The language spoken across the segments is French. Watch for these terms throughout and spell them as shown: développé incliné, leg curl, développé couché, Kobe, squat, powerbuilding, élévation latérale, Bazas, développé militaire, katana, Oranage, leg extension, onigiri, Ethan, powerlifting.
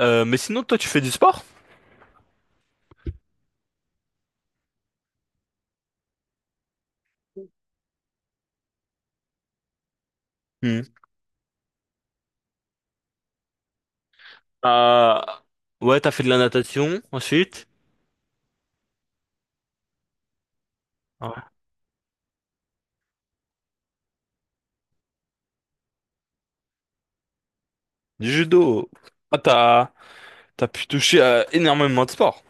Mais sinon, toi, tu fais du sport? Hmm. Euh, ouais, t'as fait de la natation ensuite. Ouais. Du judo. Ah, t'as pu toucher à énormément de sports.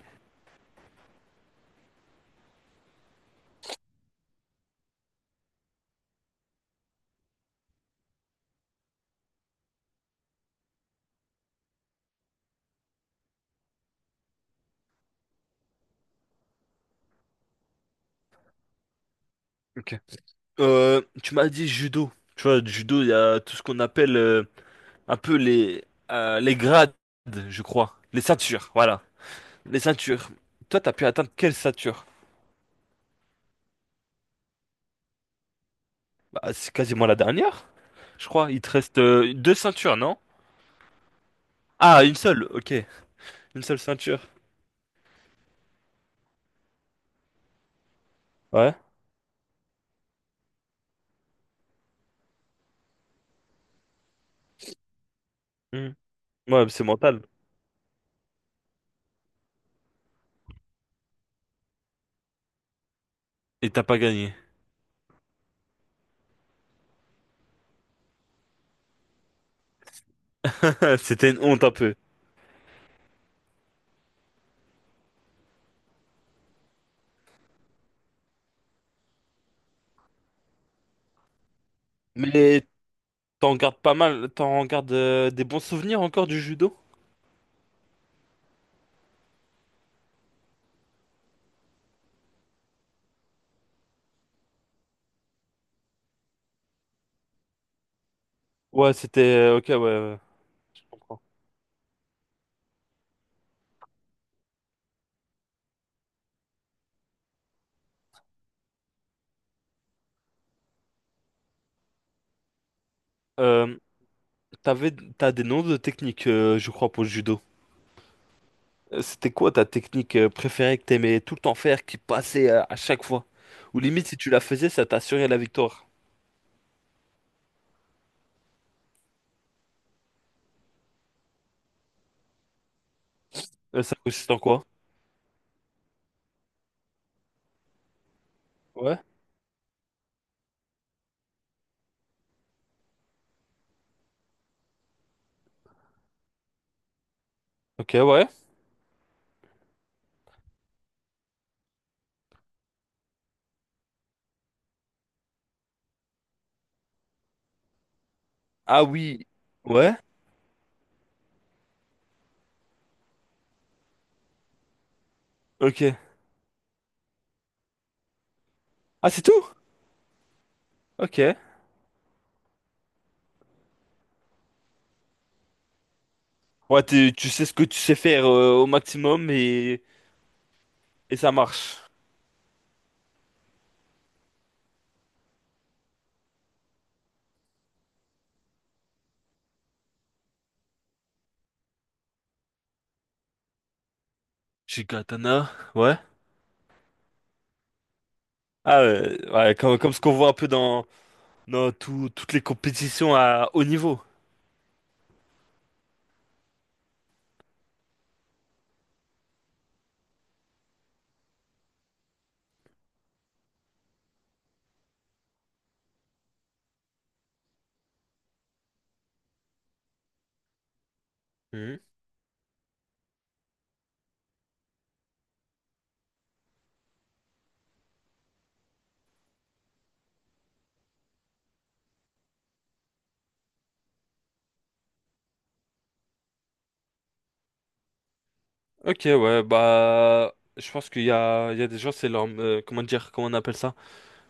Ok. Tu m'as dit judo. Tu vois, du judo, il y a tout ce qu'on appelle un peu les grades, je crois. Les ceintures, voilà. Les ceintures. Toi, t'as pu atteindre quelle ceinture? Bah, c'est quasiment la dernière, je crois. Il te reste deux ceintures, non? Ah, une seule, ok. Une seule ceinture. Ouais. Hmm. Ouais, c'est mental. Et t'as pas gagné. C'était une honte un peu. Mais t'en gardes pas mal, t'en gardes des bons souvenirs encore du judo? Ouais, c'était ok, ouais, ouais. Je comprends. Euh, T'avais... T'as des noms de techniques, je crois, pour le judo. C'était quoi ta technique préférée que t'aimais tout le temps faire, qui passait à chaque fois? Ou limite, si tu la faisais, ça t'assurait la victoire. Ça consiste en quoi? Ouais. Ok, ouais. Ah oui. Ouais. Ok. Ah, c'est tout? Ok. Ouais, tu sais ce que tu sais faire au maximum et ça marche. J'ai katana, ouais. Ah ouais, ouais, comme ce qu'on voit un peu dans toutes les compétitions à haut niveau. Mhm. Ok, ouais, bah, je pense qu'il y a des gens, c'est leur, comment dire, comment on appelle ça?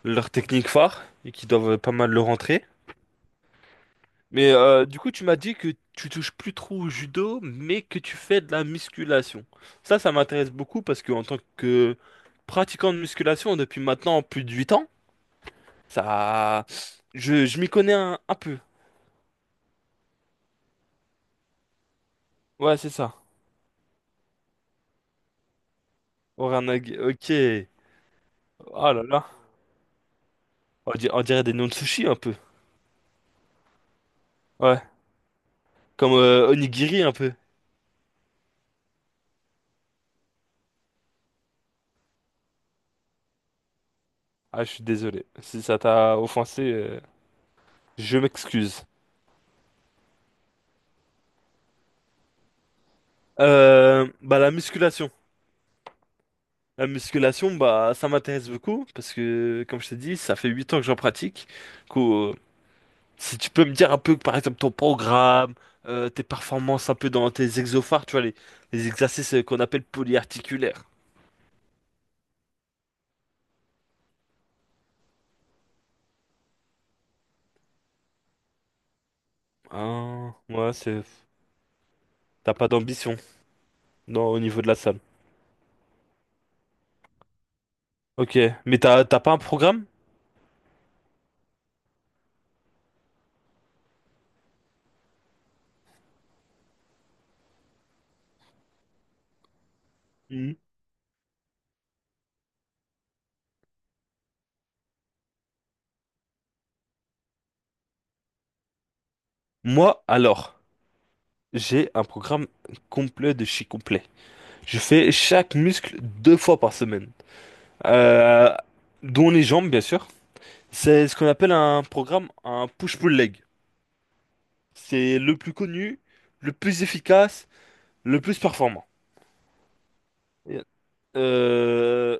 Leur technique phare, et qui doivent pas mal le rentrer. Mais du coup, tu m'as dit que tu touches plus trop au judo, mais que tu fais de la musculation. Ça m'intéresse beaucoup parce que en tant que pratiquant de musculation depuis maintenant plus de 8 ans, ça, je m'y connais un peu. Ouais, c'est ça. Oranage. Ok. Oh là là. On dirait, des noms de sushi un peu. Ouais. Comme onigiri un peu. Ah, je suis désolé. Si ça t'a offensé, je m'excuse. Bah, la musculation. La musculation, bah, ça m'intéresse beaucoup parce que, comme je t'ai dit, ça fait 8 ans que j'en pratique. Du coup, si tu peux me dire un peu, par exemple, ton programme, tes performances un peu dans tes exophares, tu vois, les exercices qu'on appelle polyarticulaires. Ah, ouais, c'est. T'as pas d'ambition. Non, au niveau de la salle. Ok, mais t'as pas un programme? Mhm. Moi, alors, j'ai un programme complet de chez complet. Je fais chaque muscle deux fois par semaine, Euh, dont les jambes, bien sûr. C'est ce qu'on appelle un programme, un push-pull leg. C'est le plus connu, le plus efficace, le plus performant. Yeah. Euh,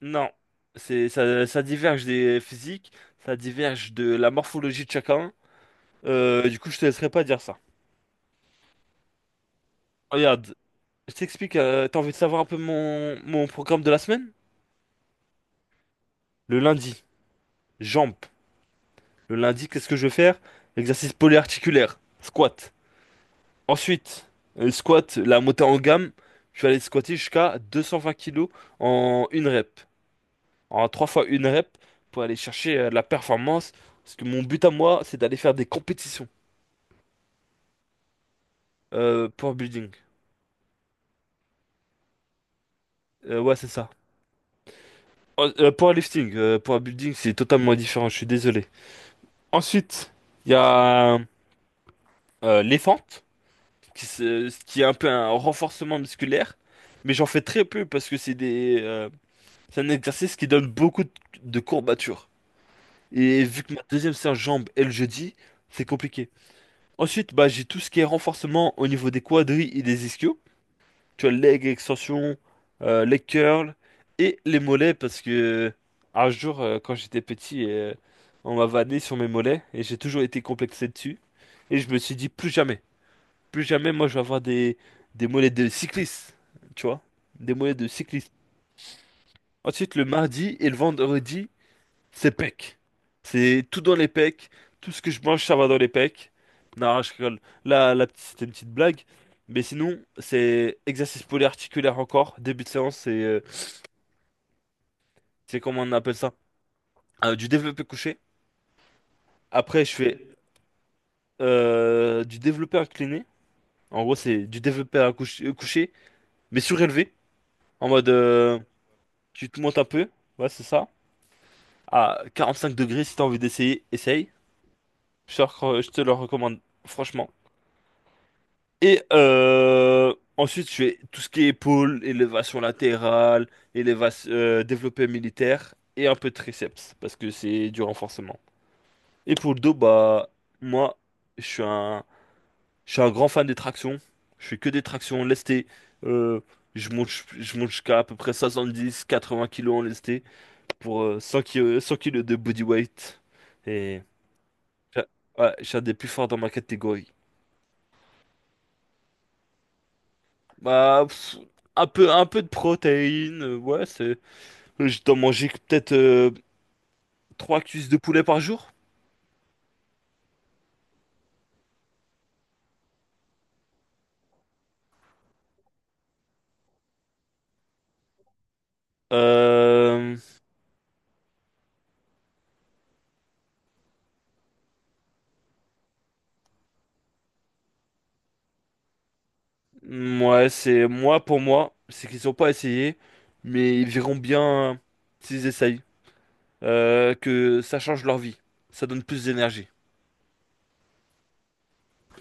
non, c'est ça, ça diverge des physiques, ça diverge de la morphologie de chacun. Du coup, je te laisserai pas dire ça. Regarde, je t'explique, t'as envie de savoir un peu mon programme de la semaine? Le lundi, jambes. Le lundi, qu'est-ce que je vais faire? Exercice polyarticulaire, squat. Ensuite, squat, la montée en gamme. Je vais aller squatter jusqu'à 220 kilos en une rep. En 3 fois une rep pour aller chercher la performance. Parce que mon but à moi, c'est d'aller faire des compétitions. Pour building. Ouais, c'est ça. Oh, powerlifting. Powerbuilding, c'est totalement différent, je suis désolé. Ensuite, il y a les fentes. Ce qui est un peu un renforcement musculaire, mais j'en fais très peu parce que c'est un exercice qui donne beaucoup de courbatures. Et vu que ma deuxième séance jambe est le jeudi, c'est compliqué. Ensuite, bah, j'ai tout ce qui est renforcement au niveau des quadris et des ischios. Tu as leg extension, leg curl et les mollets parce que un jour, quand j'étais petit, on m'a vanné sur mes mollets et j'ai toujours été complexé dessus. Et je me suis dit plus jamais. Plus jamais, moi, je vais avoir des mollets de cycliste, tu vois? Des mollets de cycliste. Ensuite, le mardi et le vendredi, c'est pecs. C'est tout dans les pecs. Tout ce que je mange, ça va dans les pecs. Non, je rigole. Là, la petite c'était une petite blague. Mais sinon, c'est exercice polyarticulaire encore. Début de séance, c'est comment on appelle ça? Du développé couché. Après, je fais du développé incliné. En gros, c'est du développé couché, mais surélevé. En mode, tu te montes un peu, ouais, c'est ça. À 45 degrés, si t'as envie d'essayer, essaye. Je te le recommande, franchement. Et ensuite, je fais tout ce qui est épaule, élévation latérale, élévation, développé militaire et un peu de triceps, parce que c'est du renforcement. Et pour le dos, bah, moi, je suis un, je suis un grand fan des tractions. Je fais que des tractions lestées. Euh, je monte jusqu'à à peu près 70-80 kilos en lesté. Pour 100 kilos, 100 kilos de body weight. Et j'a- ouais, je un des plus forts dans ma catégorie. Bah, pff, un peu de protéines, ouais, c'est. Je dois manger que peut-être trois cuisses de poulet par jour. Euh, ouais, c'est moi pour moi, c'est qu'ils ont pas essayé, mais ils verront bien s'ils essayent, que ça change leur vie, ça donne plus d'énergie.